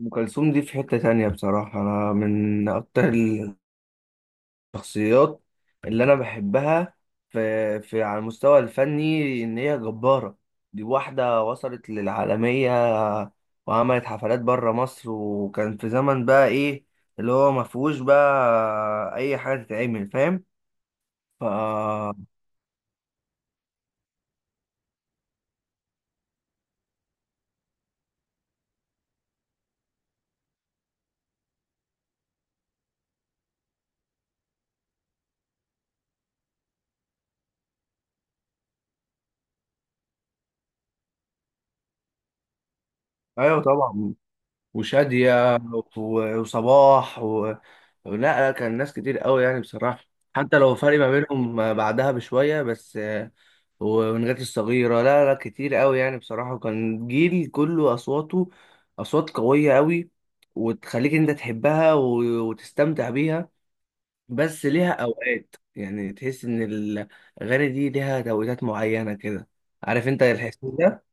ام كلثوم دي في حتة تانية بصراحة. انا من اكتر الشخصيات اللي انا بحبها في على المستوى الفني، ان هي جبارة. دي واحدة وصلت للعالمية وعملت حفلات بره مصر، وكان في زمن بقى ايه اللي هو ما فيهوش بقى اي حاجة تتعمل، فاهم؟ فا ايوه طبعا، وشادية وصباح و... لا لا، كان ناس كتير قوي يعني بصراحة. حتى لو فرق ما بينهم بعدها بشوية، بس ونجاة الصغيرة. لا لا، كتير قوي يعني بصراحة. وكان جيل كله أصواته أصوات قوية قوي، وتخليك أنت تحبها وتستمتع بيها. بس ليها أوقات، يعني تحس إن الأغاني دي ليها توقيتات معينة كده. عارف أنت الحس ده؟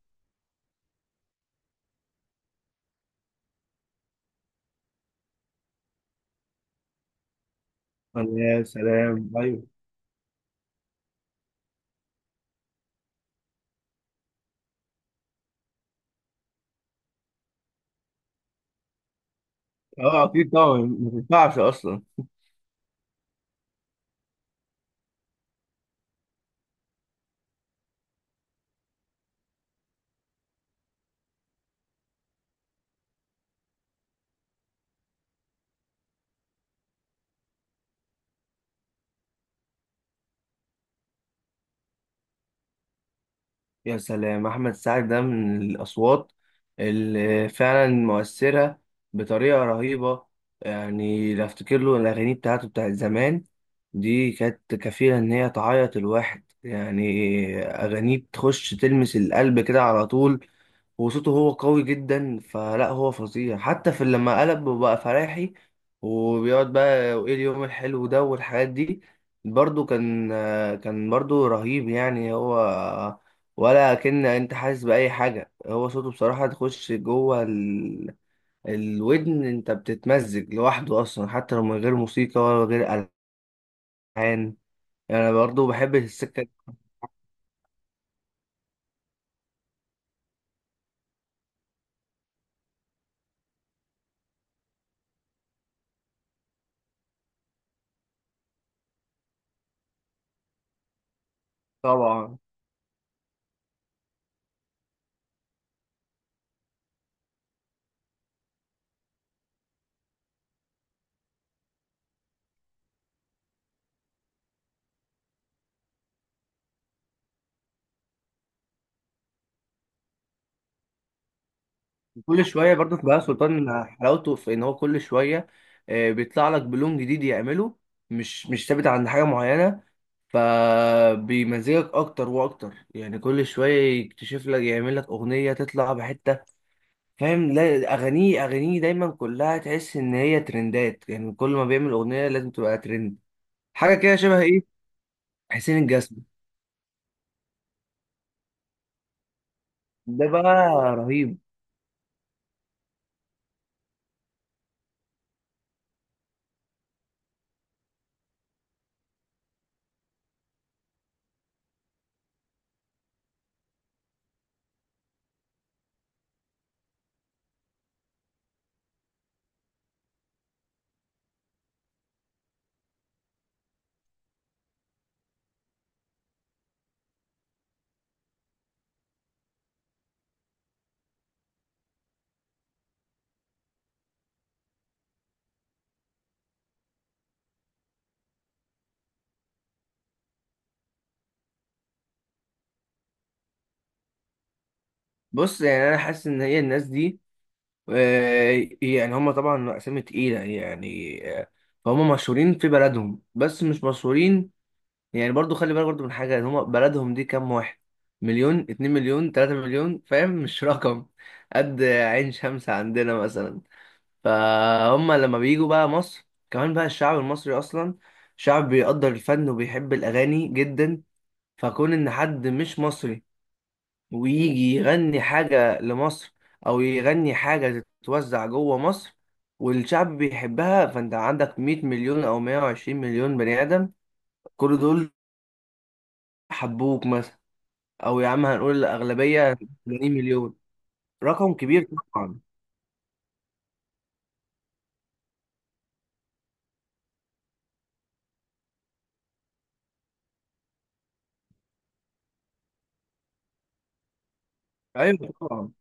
يا سلام أيوه. أه أكيد طبعا، ما تنفعش أصلا. يا سلام، احمد سعد ده من الاصوات اللي فعلا مؤثره بطريقه رهيبه. يعني لو افتكر له الاغاني بتاعته بتاعت زمان، دي كانت كفيله ان هي تعيط الواحد يعني. اغانيه تخش تلمس القلب كده على طول، وصوته هو قوي جدا. فلا هو فظيع، حتى في لما قلب وبقى فلاحي وبيقعد بقى وايه اليوم الحلو ده والحاجات دي، برضو كان كان برضو رهيب يعني هو. ولا كأن انت حاسس بأي حاجة، هو صوته بصراحة تخش جوه ال... الودن، انت بتتمزج لوحده اصلا، حتى لو من غير موسيقى ولا غير ألحان يعني. انا برضو بحب السكة دي. طبعا. كل شويه برضه بهاء سلطان، حلاوته في ان هو كل شويه بيطلع لك بلون جديد يعمله. مش ثابت عند حاجه معينه، فبيمزجك اكتر واكتر. يعني كل شويه يكتشف لك، يعمل لك اغنيه تطلع بحته، فاهم؟ لا اغانيه، اغانيه دايما كلها تحس ان هي ترندات، يعني كل ما بيعمل اغنيه لازم تبقى ترند، حاجه كده شبه ايه، حسين الجسمي. ده بقى رهيب. بص، يعني انا حاسس ان هي الناس دي يعني هم طبعا أسامي تقيلة يعني، فهم مشهورين في بلدهم، بس مش مشهورين يعني. برضو خلي بالك برضو من حاجة، إن هم بلدهم دي كام واحد؟ مليون، اتنين مليون، تلاتة مليون، فاهم؟ مش رقم قد عين شمس عندنا مثلا. فهم لما بيجوا بقى مصر، كمان بقى الشعب المصري أصلا شعب بيقدر الفن وبيحب الأغاني جدا. فكون إن حد مش مصري ويجي يغني حاجة لمصر، أو يغني حاجة تتوزع جوه مصر والشعب بيحبها، فأنت عندك 100 مليون أو 120 مليون بني آدم، كل دول حبوك مثلا. أو يا عم هنقول الأغلبية، 80 مليون. رقم كبير طبعا. أيوه طبعا.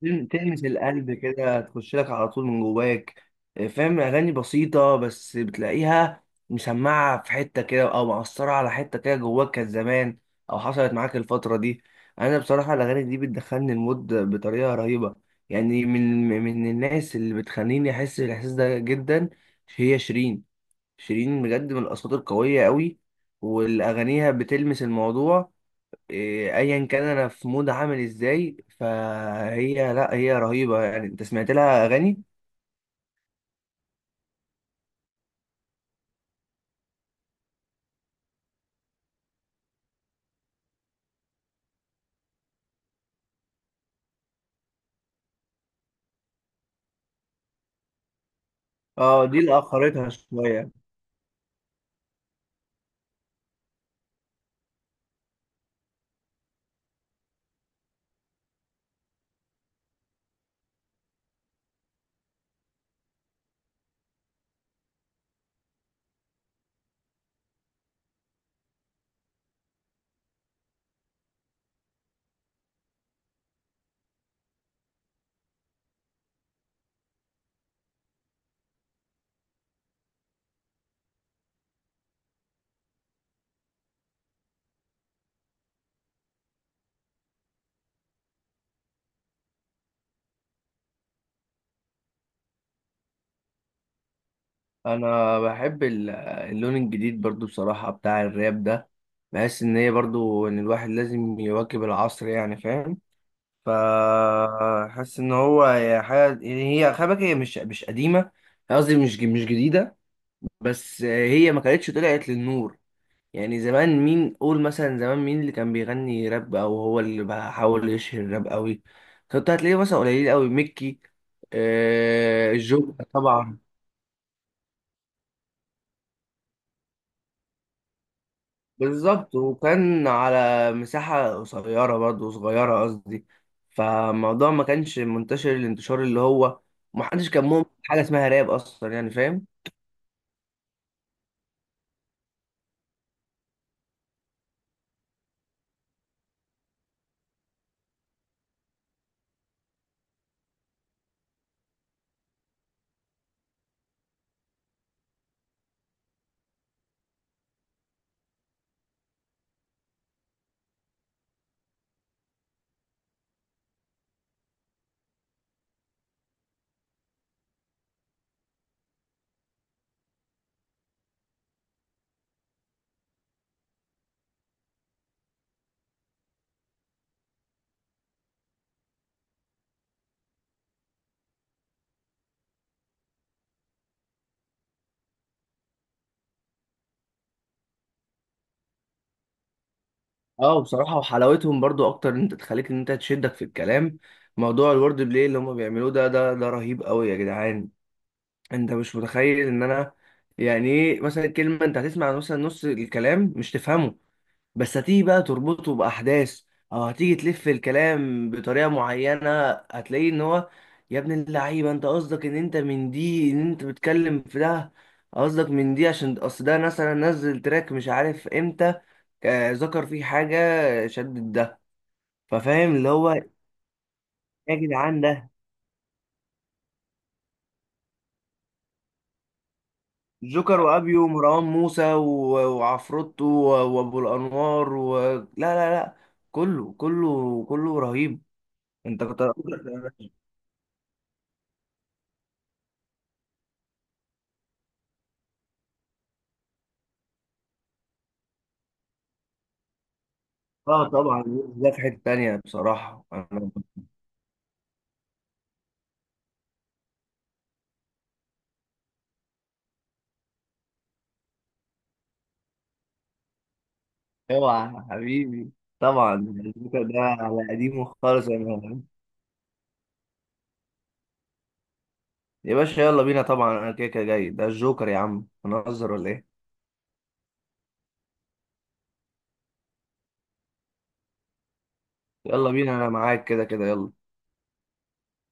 تلمس القلب كده، تخش لك على طول من جواك. فاهم؟ اغاني بسيطه، بس بتلاقيها مسمعه في حته كده او مأثره على حته كده جواك. كانت زمان او حصلت معاك الفتره دي. انا بصراحه الاغاني دي بتدخلني المود بطريقه رهيبه. يعني من الناس اللي بتخليني احس بالاحساس ده جدا هي شيرين. شيرين بجد من الاصوات القويه قوي، والاغانيها بتلمس الموضوع. إيه، ايا كان انا في مود عامل ازاي، فهي لا هي رهيبه يعني. انت سمعت لها اغاني؟ اه دي اللي اخرتها شويه. انا بحب اللون الجديد برضو بصراحه بتاع الراب ده. بحس ان هي برضو ان الواحد لازم يواكب العصر، يعني فاهم؟ فحس ان هو هي حاجه، يعني هي خلي بالك، هي مش قديمه. قصدي مش جديده، بس هي ما كانتش طلعت للنور. يعني زمان مين؟ قول مثلا زمان مين اللي كان بيغني راب، او هو اللي بحاول يشهر الراب قوي؟ كنت هتلاقيه مثلا قليل قوي. ميكي، آه الجوكر طبعا. بالظبط. وكان على مساحة قصيرة برضه، صغيرة قصدي. فالموضوع ما كانش منتشر الانتشار اللي هو، محدش كان مؤمن حاجة اسمها راب اصلا، يعني فاهم؟ اه بصراحة، وحلاوتهم برضو اكتر ان انت تخليك ان انت تشدك في الكلام. موضوع الورد بلاي اللي هم بيعملوه ده، ده رهيب قوي يا جدعان. انت مش متخيل ان انا، يعني ايه مثلا كلمه، انت هتسمع مثلا نص الكلام مش تفهمه، بس هتيجي بقى تربطه باحداث، او هتيجي تلف الكلام بطريقه معينه، هتلاقيه ان هو يا ابن اللعيبه، انت قصدك ان انت من دي، ان انت بتتكلم في ده؟ قصدك من دي عشان اصل ده مثلا نزل تراك مش عارف امتى، ذكر فيه حاجه شدت ده، ففاهم اللي هو. يا جدعان ده جوكر وابيو ومروان موسى وعفروتو وابو الانوار و... لا لا لا، كله كله كله رهيب. انت كنت، اه طبعا يوسف ده في حته تانيه بصراحه انا. اوعى يا حبيبي. طبعا الجوكر ده على قديمه خالص يعني. يا باشا يلا بينا، طبعا انا كده كده جاي، ده الجوكر يا عم، هنهزر ولا ايه؟ يلا بينا، انا معاك كده كده، يلا.